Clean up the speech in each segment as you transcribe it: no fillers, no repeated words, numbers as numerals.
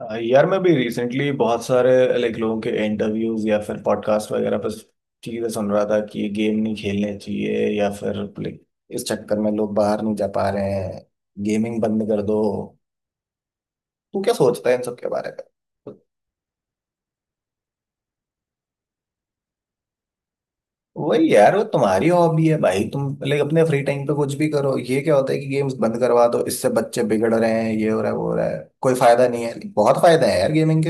यार मैं भी रिसेंटली बहुत सारे लाइक लोगों के इंटरव्यूज या फिर पॉडकास्ट वगैरह पर चीजें सुन रहा था कि ये गेम नहीं खेलने चाहिए या फिर like, इस चक्कर में लोग बाहर नहीं जा पा रहे हैं, गेमिंग बंद कर दो। तू क्या सोचता है इन सब के बारे में? वही यार, वो तुम्हारी हॉबी है भाई, तुम लाइक अपने फ्री टाइम पे कुछ भी करो। ये क्या होता है कि गेम्स बंद करवा दो, इससे बच्चे बिगड़ रहे हैं, ये हो रहा है, वो हो रहा है, कोई फायदा नहीं है। बहुत फायदा है यार गेमिंग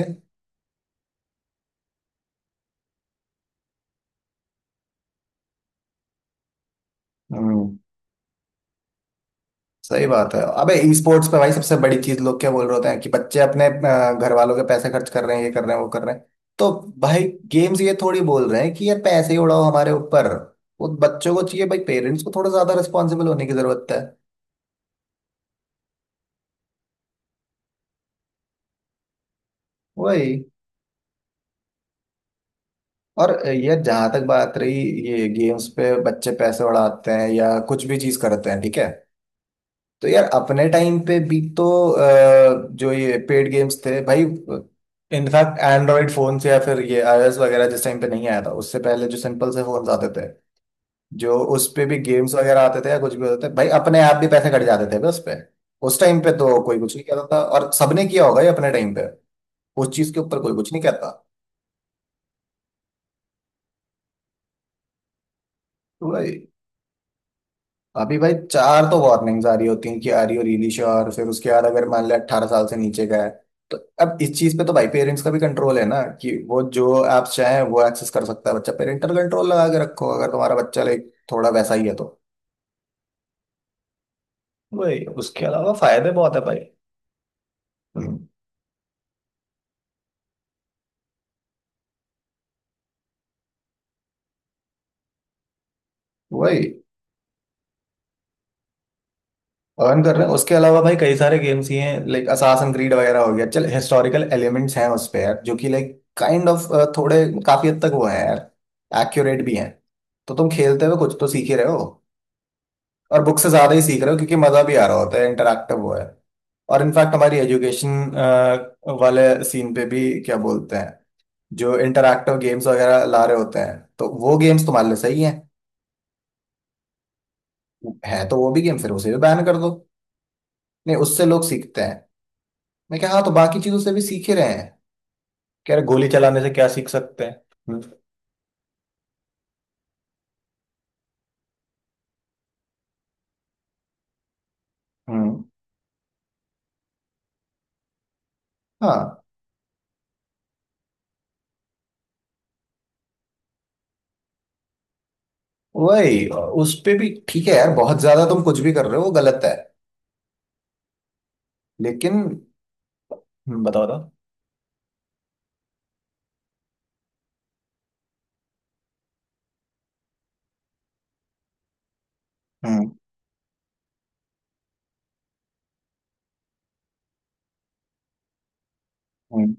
के। सही बात है। अबे ई स्पोर्ट्स पे भाई सबसे बड़ी चीज लोग क्या बोल रहे होते हैं कि बच्चे अपने घर वालों के पैसे खर्च कर रहे हैं, ये कर रहे हैं, वो कर रहे हैं। तो भाई गेम्स ये थोड़ी बोल रहे हैं कि यार पैसे ही उड़ाओ हमारे ऊपर। वो बच्चों को चाहिए भाई, पेरेंट्स को थोड़ा ज्यादा रिस्पॉन्सिबल होने की जरूरत है। वही। और ये जहां तक बात रही, ये गेम्स पे बच्चे पैसे उड़ाते हैं या कुछ भी चीज करते हैं, ठीक है। तो यार अपने टाइम पे भी तो जो ये पेड गेम्स थे भाई, इनफैक्ट एंड्रॉइड फोन से या फिर ये आईओएस वगैरह जिस टाइम पे नहीं आया था उससे पहले जो सिंपल से फोन आते थे, जो उस पे भी गेम्स वगैरह आते थे या कुछ भी होते थे भाई, अपने आप भी पैसे कट जाते थे बस पे। उस टाइम पे तो कोई कुछ नहीं कहता था, और सबने किया होगा ये अपने टाइम पे। उस चीज के ऊपर कोई कुछ नहीं कहता। तो भाई, अभी भाई चार तो वार्निंग्स आ रही होती हैं कि आर यू रियली श्योर, फिर उसके बाद अगर मान लिया 18 साल से नीचे का है तो अब इस चीज पे तो भाई पेरेंट्स का भी कंट्रोल है ना, कि वो जो ऐप्स चाहे वो एक्सेस कर सकता है बच्चा। पेरेंटल कंट्रोल लगा के रखो अगर तुम्हारा बच्चा लाइक थोड़ा वैसा ही है तो। वही, उसके अलावा फायदे बहुत है भाई। हम्म, वही अर्न कर रहे हैं। उसके अलावा भाई कई सारे गेम्स ही हैं लाइक असासिन क्रीड वगैरह हो गया चल, हिस्टोरिकल एलिमेंट्स हैं उस पे यार, जो कि लाइक काइंड ऑफ थोड़े, काफी हद तक वो है यार, एक्यूरेट भी हैं। तो तुम खेलते हुए कुछ तो सीख ही रहे हो, और बुक से ज्यादा ही सीख रहे हो क्योंकि मजा भी आ रहा होता है, इंटरेक्टिव वो है। और इनफैक्ट हमारी एजुकेशन वाले सीन पे भी क्या बोलते हैं, जो इंटरेक्टिव गेम्स वगैरह ला रहे होते हैं तो वो गेम्स तुम्हारे लिए सही हैं। है तो वो भी गेम, फिर उसे भी बैन कर दो। नहीं, उससे लोग सीखते हैं। मैं क्या, हाँ तो बाकी चीजों से भी सीखे रहे हैं। क्या गोली चलाने से क्या सीख सकते हैं? हम्म। हम्म। हाँ। वही। उस पे भी ठीक है यार, बहुत ज्यादा तुम कुछ भी कर रहे हो वो गलत है। लेकिन बताओ बताओ। हम्म। हम्म।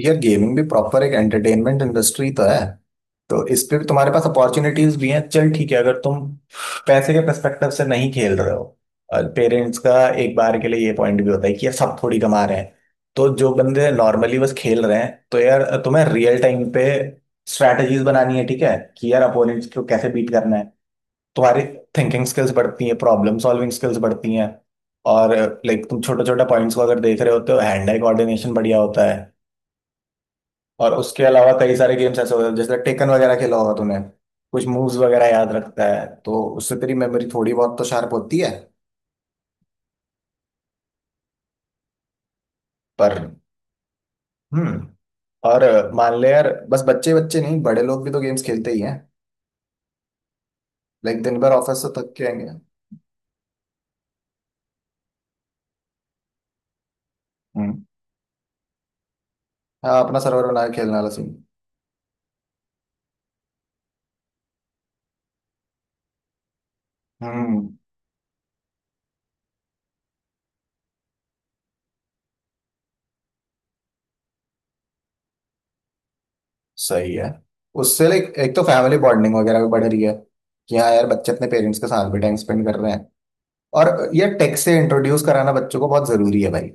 यार गेमिंग भी प्रॉपर एक एंटरटेनमेंट इंडस्ट्री तो है, तो इस पे भी तुम्हारे पास अपॉर्चुनिटीज भी हैं। चल ठीक है, अगर तुम पैसे के पर्सपेक्टिव से नहीं खेल रहे हो, पेरेंट्स का एक बार के लिए ये पॉइंट भी होता है कि यार सब थोड़ी कमा रहे हैं। तो जो बंदे नॉर्मली बस खेल रहे हैं, तो यार तुम्हें रियल टाइम पे स्ट्रैटेजीज बनानी है, ठीक है कि यार अपोनेंट्स को कैसे बीट करना है। तुम्हारी थिंकिंग स्किल्स बढ़ती हैं, प्रॉब्लम सॉल्विंग स्किल्स बढ़ती हैं, और लाइक तुम छोटे छोटे पॉइंट्स को अगर देख रहे होते हो हैंड आई कोऑर्डिनेशन बढ़िया होता है। और उसके अलावा कई सारे गेम्स ऐसे होते हैं जैसे टेकन वगैरह, खेला होगा तूने। कुछ मूव्स वगैरह याद रखता है तो उससे तेरी मेमोरी थोड़ी बहुत तो शार्प होती है। पर, हम्म और मान ले यार, बस बच्चे बच्चे नहीं बड़े लोग भी तो गेम्स खेलते ही हैं। लाइक दिन भर ऑफिस से थक के आएंगे। हम्म। हाँ, अपना सर्वर बना के खेलने वाला सीन। हम्म सही है। उससे लाइक एक तो फैमिली बॉन्डिंग वगैरह भी बढ़ रही है, कि हाँ यार बच्चे अपने पेरेंट्स के साथ भी टाइम स्पेंड कर रहे हैं, और ये टेक से इंट्रोड्यूस कराना बच्चों को बहुत जरूरी है भाई।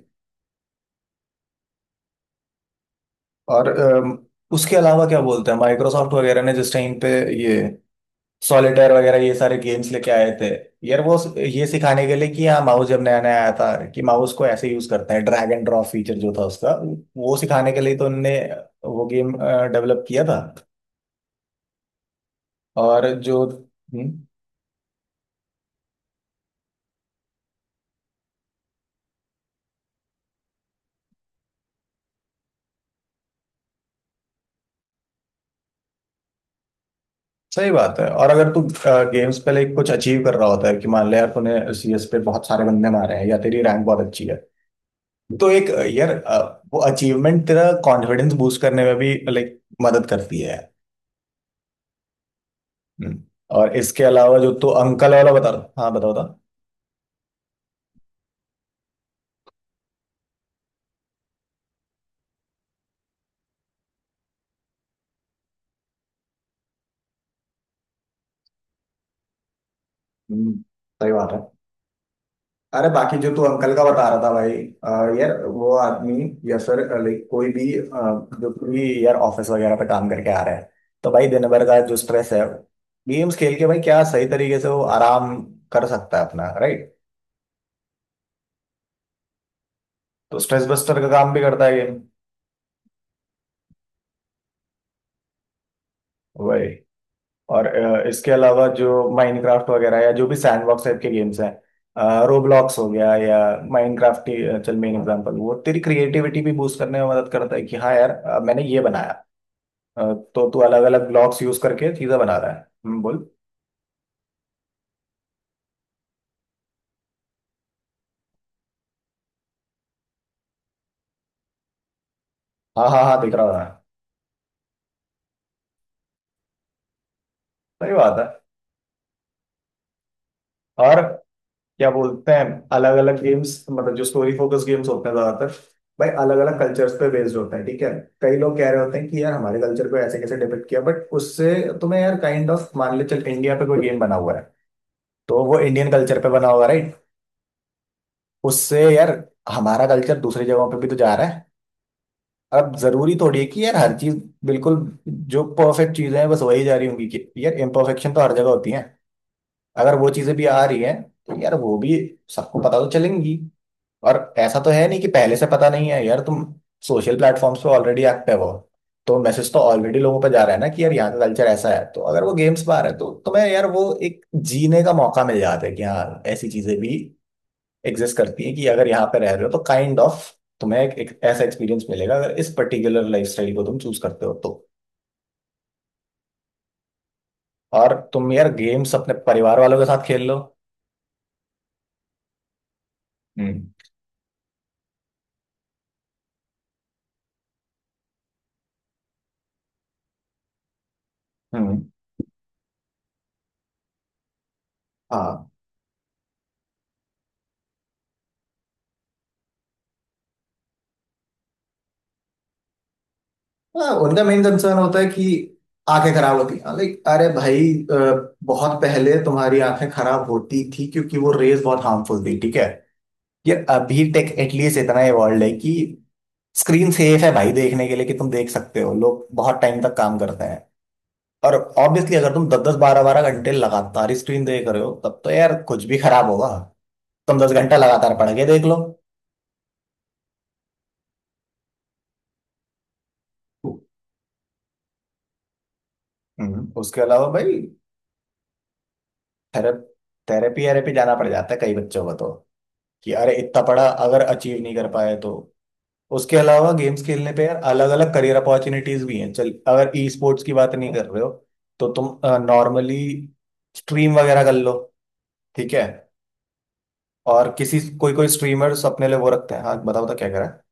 और उसके अलावा क्या बोलते हैं, माइक्रोसॉफ्ट वगैरह ने जिस टाइम पे ये सॉलिटेयर वगैरह ये सारे गेम्स लेके आए थे यार, वो ये सिखाने के लिए कि हाँ माउस जब नया नया आया था कि माउस को ऐसे यूज करते हैं, ड्रैग एंड ड्रॉप फीचर जो था उसका, वो सिखाने के लिए तो उनने वो गेम डेवलप किया था। और जो सही बात है। और अगर तू गेम्स पे लाइक कुछ अचीव कर रहा होता है, कि मान ले यार तूने सीएस पे बहुत सारे बंदे मारे हैं या तेरी रैंक बहुत अच्छी है, तो एक यार वो अचीवमेंट तेरा कॉन्फिडेंस बूस्ट करने में भी लाइक मदद करती है। हम्म। और इसके अलावा जो तू अंकल वाला बता रहा, हाँ बताओ बता। हम्म, सही बात है। अरे बाकी जो तू अंकल का बता रहा था भाई, यार वो आदमी या सर लाइक कोई भी जो भी यार ऑफिस वगैरह पे काम करके आ रहा है, तो भाई दिन भर का जो स्ट्रेस है, गेम्स खेल के भाई क्या सही तरीके से वो आराम कर सकता है अपना, राइट। तो स्ट्रेस बस्टर का काम भी करता है गेम। और इसके अलावा जो माइनक्राफ्ट वगैरह या जो भी सैंडबॉक्स टाइप के गेम्स हैं, रोब्लॉक्स हो गया या माइनक्राफ्ट, चल मेन एग्जांपल, वो तेरी क्रिएटिविटी भी बूस्ट करने में मदद करता है कि हाँ यार मैंने ये बनाया, अ, तो तू अलग अलग ब्लॉक्स यूज करके चीजें बना रहा है। बोल। हाँ हाँ हाँ, दिख रहा है। सही बात है। और क्या बोलते हैं, अलग अलग गेम्स मतलब जो स्टोरी फोकस गेम्स होते हैं ज्यादातर भाई अलग अलग कल्चर्स पे बेस्ड होता है, ठीक है। कई लोग कह रहे होते हैं कि यार हमारे कल्चर को ऐसे कैसे डिपिक्ट किया, बट उससे तुम्हें यार काइंड ऑफ, मान ले चल इंडिया पे कोई गेम बना हुआ है तो वो इंडियन कल्चर पे बना हुआ, राइट। उससे यार हमारा कल्चर दूसरी जगहों पे भी तो जा रहा है। अब जरूरी थोड़ी है कि यार हर चीज, बिल्कुल, जो परफेक्ट चीजें हैं बस वही जा रही होंगी, कि यार इम्परफेक्शन तो हर जगह होती है। अगर वो चीजें भी आ रही हैं तो यार वो भी सबको पता तो चलेंगी। और ऐसा तो है नहीं कि पहले से पता नहीं है, यार तुम सोशल प्लेटफॉर्म्स पे ऑलरेडी एक्टिव हो। तो मैसेज तो ऑलरेडी लोगों पे जा रहा है ना, कि यार यहाँ का कल्चर ऐसा है। तो अगर वो गेम्स बाहर है तो तुम्हें यार वो एक जीने का मौका मिल जाता है कि हाँ ऐसी चीजें भी एग्जिस्ट करती हैं, कि अगर यहाँ पे रह रहे हो तो काइंड kind ऑफ तुम्हें एक ऐसा एक्सपीरियंस मिलेगा अगर इस पर्टिकुलर लाइफस्टाइल को तुम चूज करते हो तो। और तुम यार गेम्स अपने परिवार वालों के साथ खेल लो। हम्म। हम्म। हाँ। हाँ। उनका मेन कंसर्न होता है कि आंखें खराब होती हैं, लाइक अरे भाई, बहुत पहले तुम्हारी आंखें खराब होती थी क्योंकि वो रेज बहुत हार्मफुल थी, ठीक है। ये अभी टेक एटलीस्ट इतना इवॉल्व है कि स्क्रीन सेफ है भाई देखने के लिए, कि तुम देख सकते हो, लोग बहुत टाइम तक काम करते हैं। और ऑब्वियसली अगर तुम 10 10 12 12 घंटे लगातार ही स्क्रीन देख रहे हो तब तो यार कुछ भी खराब होगा। तुम 10 घंटा लगातार पढ़ के देख लो। उसके अलावा भाई थेरेप थेरेपी जाना पड़ जाता है कई बच्चों को तो, कि अरे इतना पढ़ा अगर अचीव नहीं कर पाए तो। उसके अलावा गेम्स खेलने पे यार अलग अलग करियर अपॉर्चुनिटीज भी हैं चल, अगर ई स्पोर्ट्स की बात नहीं कर रहे हो तो तुम नॉर्मली स्ट्रीम वगैरह कर लो, ठीक है। और किसी कोई कोई स्ट्रीमर्स अपने लिए वो रखते हैं। हाँ बताओ, तो क्या कह रहा है।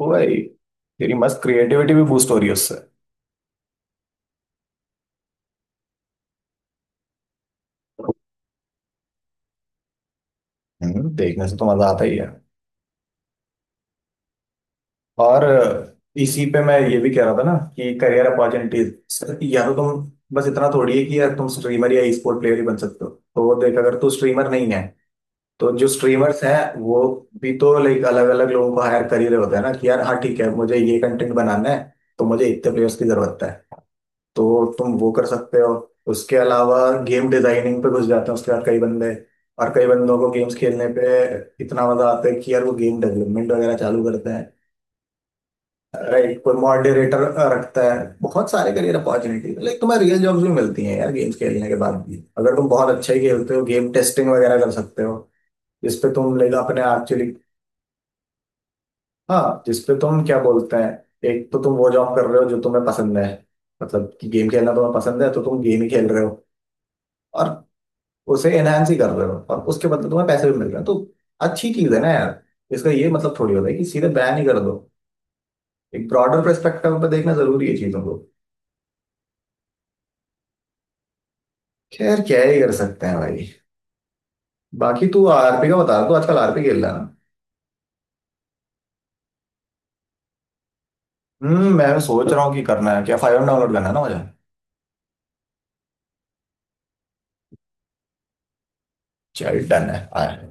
वो भाई तेरी मस्त क्रिएटिविटी भी बूस्ट हो रही है उससे। देखने से तो मजा आता ही है। और इसी पे मैं ये भी कह रहा था ना कि करियर अपॉर्चुनिटीज, या तो तुम बस इतना थोड़ी है कि यार तुम स्ट्रीमर या ई स्पोर्ट प्लेयर ही बन सकते हो। तो देख, अगर तू स्ट्रीमर नहीं है तो जो स्ट्रीमर्स हैं वो भी तो लाइक अलग अलग लोगों को हायर कर ही रहे होते हैं ना, कि यार हाँ ठीक है मुझे ये कंटेंट बनाना है, तो मुझे इतने प्लेयर्स की जरूरत है, तो तुम वो कर सकते हो। उसके अलावा गेम डिजाइनिंग पे घुस जाते हैं उसके बाद कई बंदे। और कई बंदों को गेम्स खेलने पे इतना मजा आता है कि यार वो गेम डेवलपमेंट वगैरह चालू करते हैं, राइट। कोई मॉडरेटर रखता है। बहुत सारे करियर अपॉर्चुनिटी लाइक तुम्हें रियल जॉब्स भी मिलती हैं यार, गेम्स खेलने के बाद भी अगर तुम बहुत अच्छे ही खेलते हो गेम टेस्टिंग वगैरह कर सकते हो जिसपे तुम लाइक अपने एक्चुअली, हाँ जिसपे तुम क्या बोलते हैं, एक तो तुम वो जॉब कर रहे हो जो तुम्हें पसंद है, मतलब कि गेम खेलना तुम्हें पसंद है तो तुम गेम ही खेल रहे हो और उसे एनहांस ही कर रहे हो, और उसके बदले तुम्हें पैसे भी मिल रहे हैं। तो अच्छी चीज है ना यार। इसका ये मतलब थोड़ी होता है कि सीधे बैन ही कर दो। एक ब्रॉडर परस्पेक्टिव पे देखना जरूरी है चीजों को। खैर क्या ही कर सकते हैं भाई। बाकी तू आरपी का बता, तू आजकल आरपी खेल रहा है ना। मैं सोच रहा हूँ कि करना है, क्या फाइव डाउनलोड करना है ना मुझे। चल डन है आया।